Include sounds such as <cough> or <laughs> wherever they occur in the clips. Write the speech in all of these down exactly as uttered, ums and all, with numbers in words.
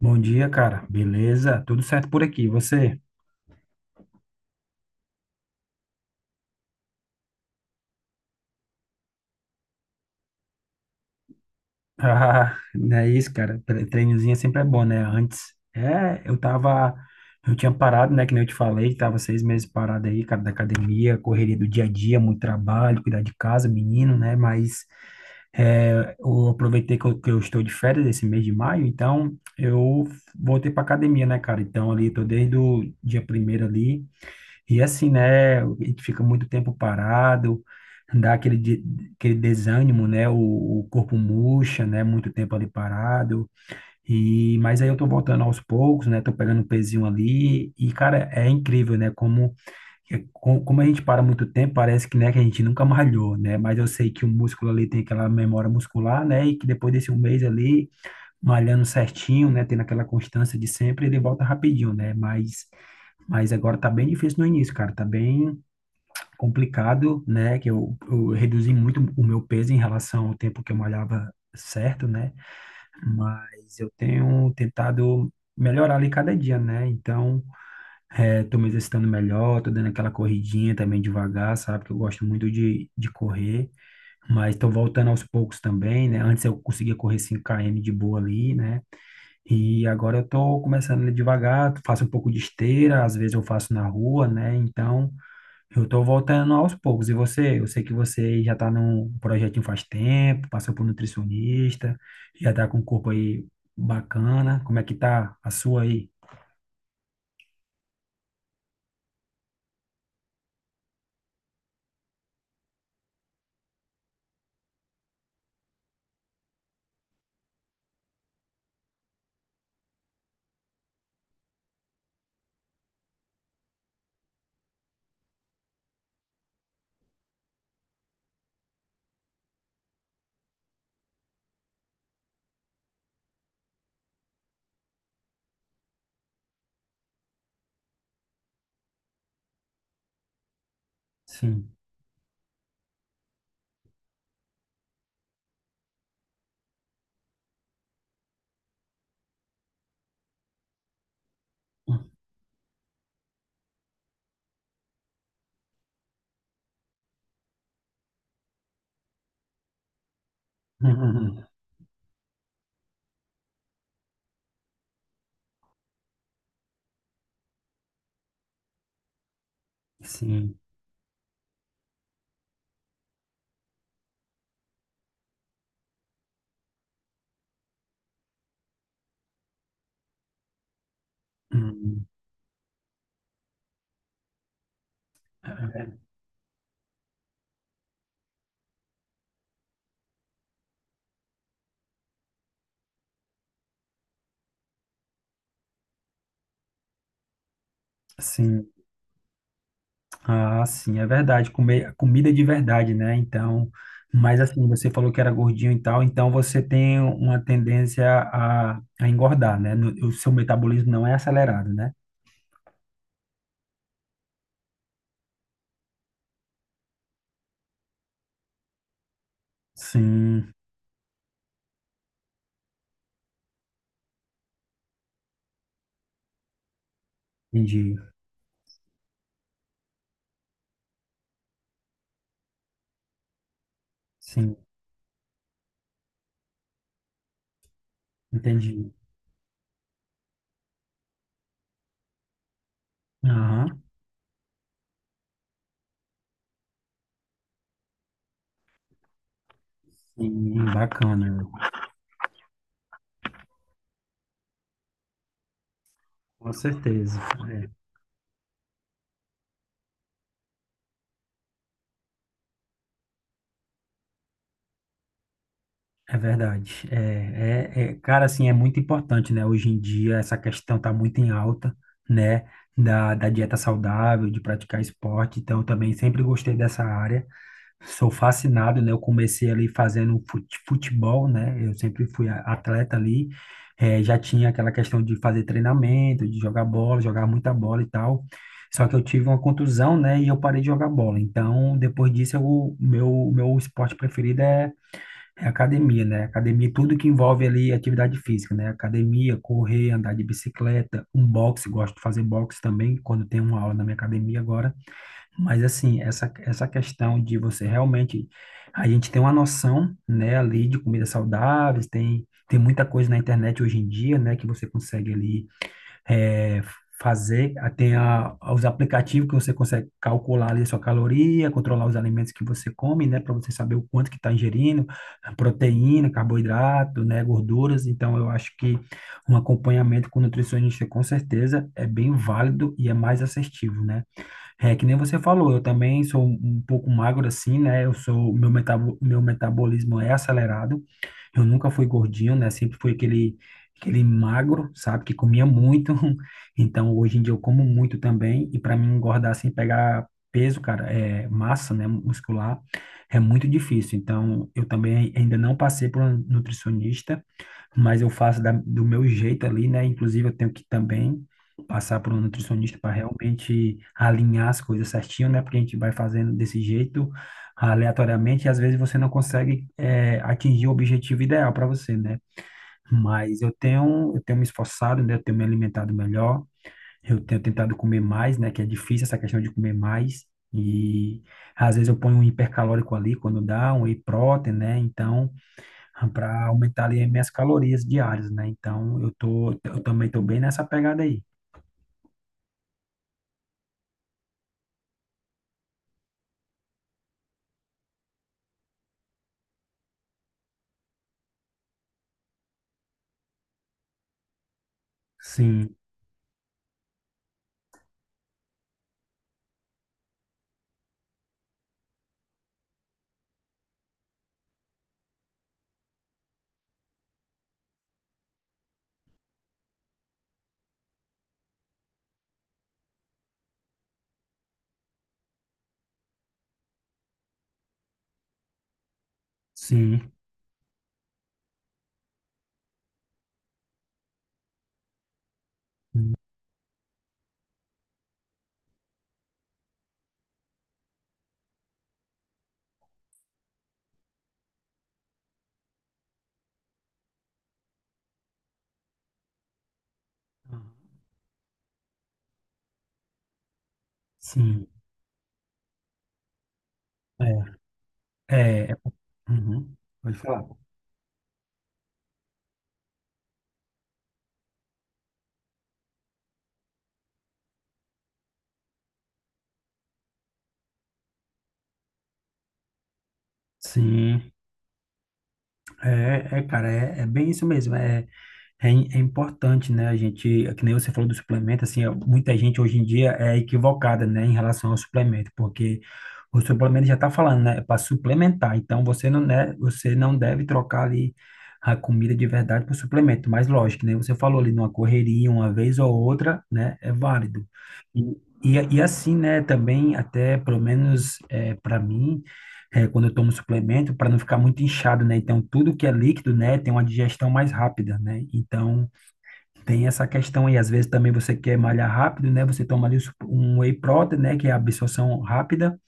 Bom dia, cara. Beleza? Tudo certo por aqui. E você? <laughs> Ah, não é isso, cara. Tre- Treinozinho sempre é bom, né? Antes, é, eu tava, eu tinha parado, né? Que nem eu te falei, tava seis meses parado aí, cara, da academia, correria do dia a dia, muito trabalho, cuidar de casa, menino, né? Mas é, eu aproveitei que eu, que eu estou de férias esse mês de maio, então eu voltei pra academia, né, cara? Então ali, tô desde o dia primeiro ali. E assim, né? A gente fica muito tempo parado, dá aquele, de- aquele desânimo, né? O, o corpo murcha, né? Muito tempo ali parado. E, mas aí eu tô voltando aos poucos, né? Tô pegando um pezinho ali. E, cara, é incrível, né? Como, é- como a gente para muito tempo, parece que, né, que a gente nunca malhou, né? Mas eu sei que o músculo ali tem aquela memória muscular, né? E que depois desse um mês ali, malhando certinho, né? Tendo aquela constância de sempre, ele volta rapidinho, né? Mas. Mas agora tá bem difícil no início, cara. Tá bem complicado, né? Que eu, eu reduzi muito o meu peso em relação ao tempo que eu malhava certo, né? Mas eu tenho tentado melhorar ali cada dia, né? Então, é, tô me exercitando melhor, tô dando aquela corridinha também devagar, sabe? Que eu gosto muito de, de correr, mas tô voltando aos poucos também, né? Antes eu conseguia correr cinco quilômetros de boa ali, né? E agora eu tô começando ali devagar, faço um pouco de esteira, às vezes eu faço na rua, né? Então, eu tô voltando aos poucos. E você? Eu sei que você já tá num projetinho faz tempo, passou por nutricionista, já tá com um corpo aí bacana. Como é que tá a sua aí? Sim. <laughs> Uhum. Sim. Hum. Sim, ah, sim, é verdade. Comer comida de verdade, né? Então, mas assim, você falou que era gordinho e tal, então você tem uma tendência a, a engordar, né? No- O seu metabolismo não é acelerado, né? Sim, entendi. Sim. Entendi. Aham. Sim, bacana. Com certeza. É, é verdade. É, é, é, cara, assim, é muito importante, né, hoje em dia essa questão tá muito em alta, né, da, da dieta saudável, de praticar esporte, então eu também sempre gostei dessa área. Sou fascinado, né? Eu comecei ali fazendo fut- futebol, né? Eu sempre fui a- atleta ali. Eh, já tinha aquela questão de fazer treinamento, de jogar bola, jogar muita bola e tal. Só que eu tive uma contusão, né? E eu parei de jogar bola. Então, depois disso, eu, meu, meu esporte preferido é, é, academia, né? Academia, tudo que envolve ali atividade física, né? Academia, correr, andar de bicicleta, um boxe. Gosto de fazer boxe também, quando tem uma aula na minha academia agora. Mas assim, essa, essa questão de você realmente, a gente tem uma noção, né, ali de comidas saudáveis, tem, tem muita coisa na internet hoje em dia, né, que você consegue ali eh, fazer. Ah, tem a, os aplicativos que você consegue calcular ali a sua caloria, controlar os alimentos que você come, né, para você saber o quanto que está ingerindo, proteína, carboidrato, né, gorduras. Então eu acho que um acompanhamento com nutricionista com certeza é bem válido e é mais assertivo, né, é, que nem você falou, eu também sou um um pouco magro assim, né? Eu sou, meu metabo, meu metabolismo é acelerado. Eu nunca fui gordinho, né? Sempre fui aquele aquele magro, sabe, que comia muito. <laughs> Então, hoje em dia eu como muito também e para mim engordar sem pegar peso, cara, é massa, né, muscular, é muito difícil. Então, eu também ainda não passei por um nutricionista, mas eu faço da- do meu jeito ali, né? Inclusive, eu tenho que também passar por um nutricionista para realmente alinhar as coisas certinho, né? Porque a gente vai fazendo desse jeito aleatoriamente e às vezes você não consegue eh, atingir o objetivo ideal para você, né? Mas eu tenho, eu tenho me esforçado, né? Eu tenho me alimentado melhor, eu tenho tentado comer mais, né? Que é difícil essa questão de comer mais. E às vezes eu ponho um hipercalórico ali quando dá, um whey protein, né? Então, para aumentar ali as minhas calorias diárias, né? Então eu tô, eu também tô bem nessa pegada aí. Sim, sim, sim, sim. É, é, é- uhum, pode falar. Sim, é, é, cara, é, é bem isso mesmo. é, É, im- é importante, né? A gente, é que nem você falou do suplemento, assim, ó, muita gente hoje em dia é equivocada, né, em relação ao suplemento, porque o suplemento já está falando, né, para suplementar. Então você não, né, você não deve trocar ali a comida de verdade por suplemento. Mas lógico, né? Você falou ali numa correria, uma vez ou outra, né, é válido. E, e, e assim, né, também até pelo menos é, para mim é, quando eu tomo suplemento, para não ficar muito inchado, né? Então, tudo que é líquido, né, tem uma digestão mais rápida, né? Então, tem essa questão aí. Às vezes também você quer malhar rápido, né? Você toma ali o sup- um whey protein, né, que é a absorção rápida,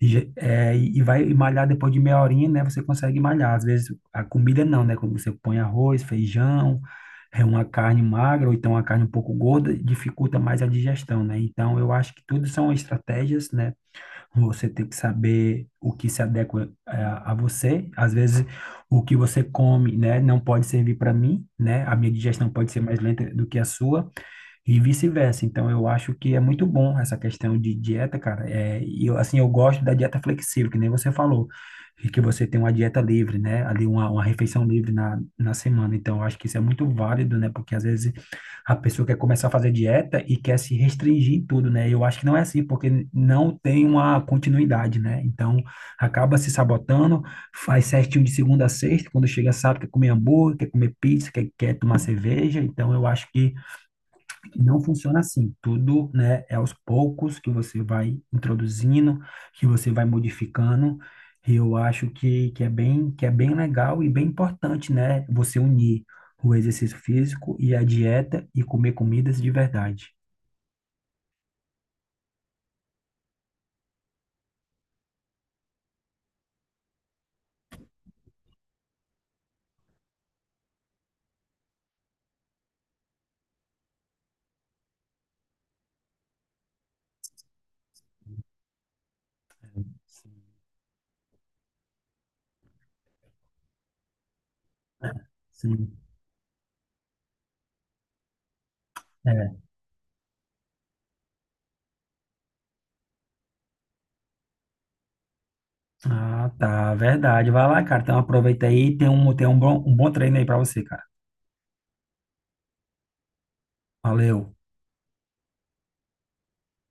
e, ge- é, e e vai malhar depois de meia horinha, né? Você consegue malhar. Às vezes a comida não, né? Quando você põe arroz, feijão, é uma carne magra ou então uma carne um pouco gorda, dificulta mais a digestão, né? Então, eu acho que tudo são estratégias, né? Você tem que saber o que se adequa eh, a, você. Às vezes, o que você come, né, não pode servir para mim, né? A minha digestão pode ser mais lenta do que a sua e vice-versa. Então, eu acho que é muito bom essa questão de dieta, cara. É, e eu, assim, eu gosto da dieta flexível, que nem você falou, e que você tem uma dieta livre, né? Ali, uma, uma refeição livre na, na semana. Então, eu acho que isso é muito válido, né? Porque às vezes a pessoa quer começar a fazer dieta e quer se restringir em tudo, né? Eu acho que não é assim, porque não tem uma continuidade, né? Então, acaba se sabotando, faz certinho de segunda a sexta, quando chega sábado quer comer hambúrguer, quer comer pizza, quer, quer tomar cerveja. Então, eu acho que e não funciona assim. Tudo, né, é aos poucos que você vai introduzindo, que você vai modificando. E eu acho que, que é bem, que é bem legal e bem importante, né, você unir o exercício físico e a dieta e comer comidas de verdade. Sim. É. Ah, tá, verdade. Vai lá, cara. Então aproveita aí, tem um, tem um bom, um bom treino aí pra você, cara. Valeu.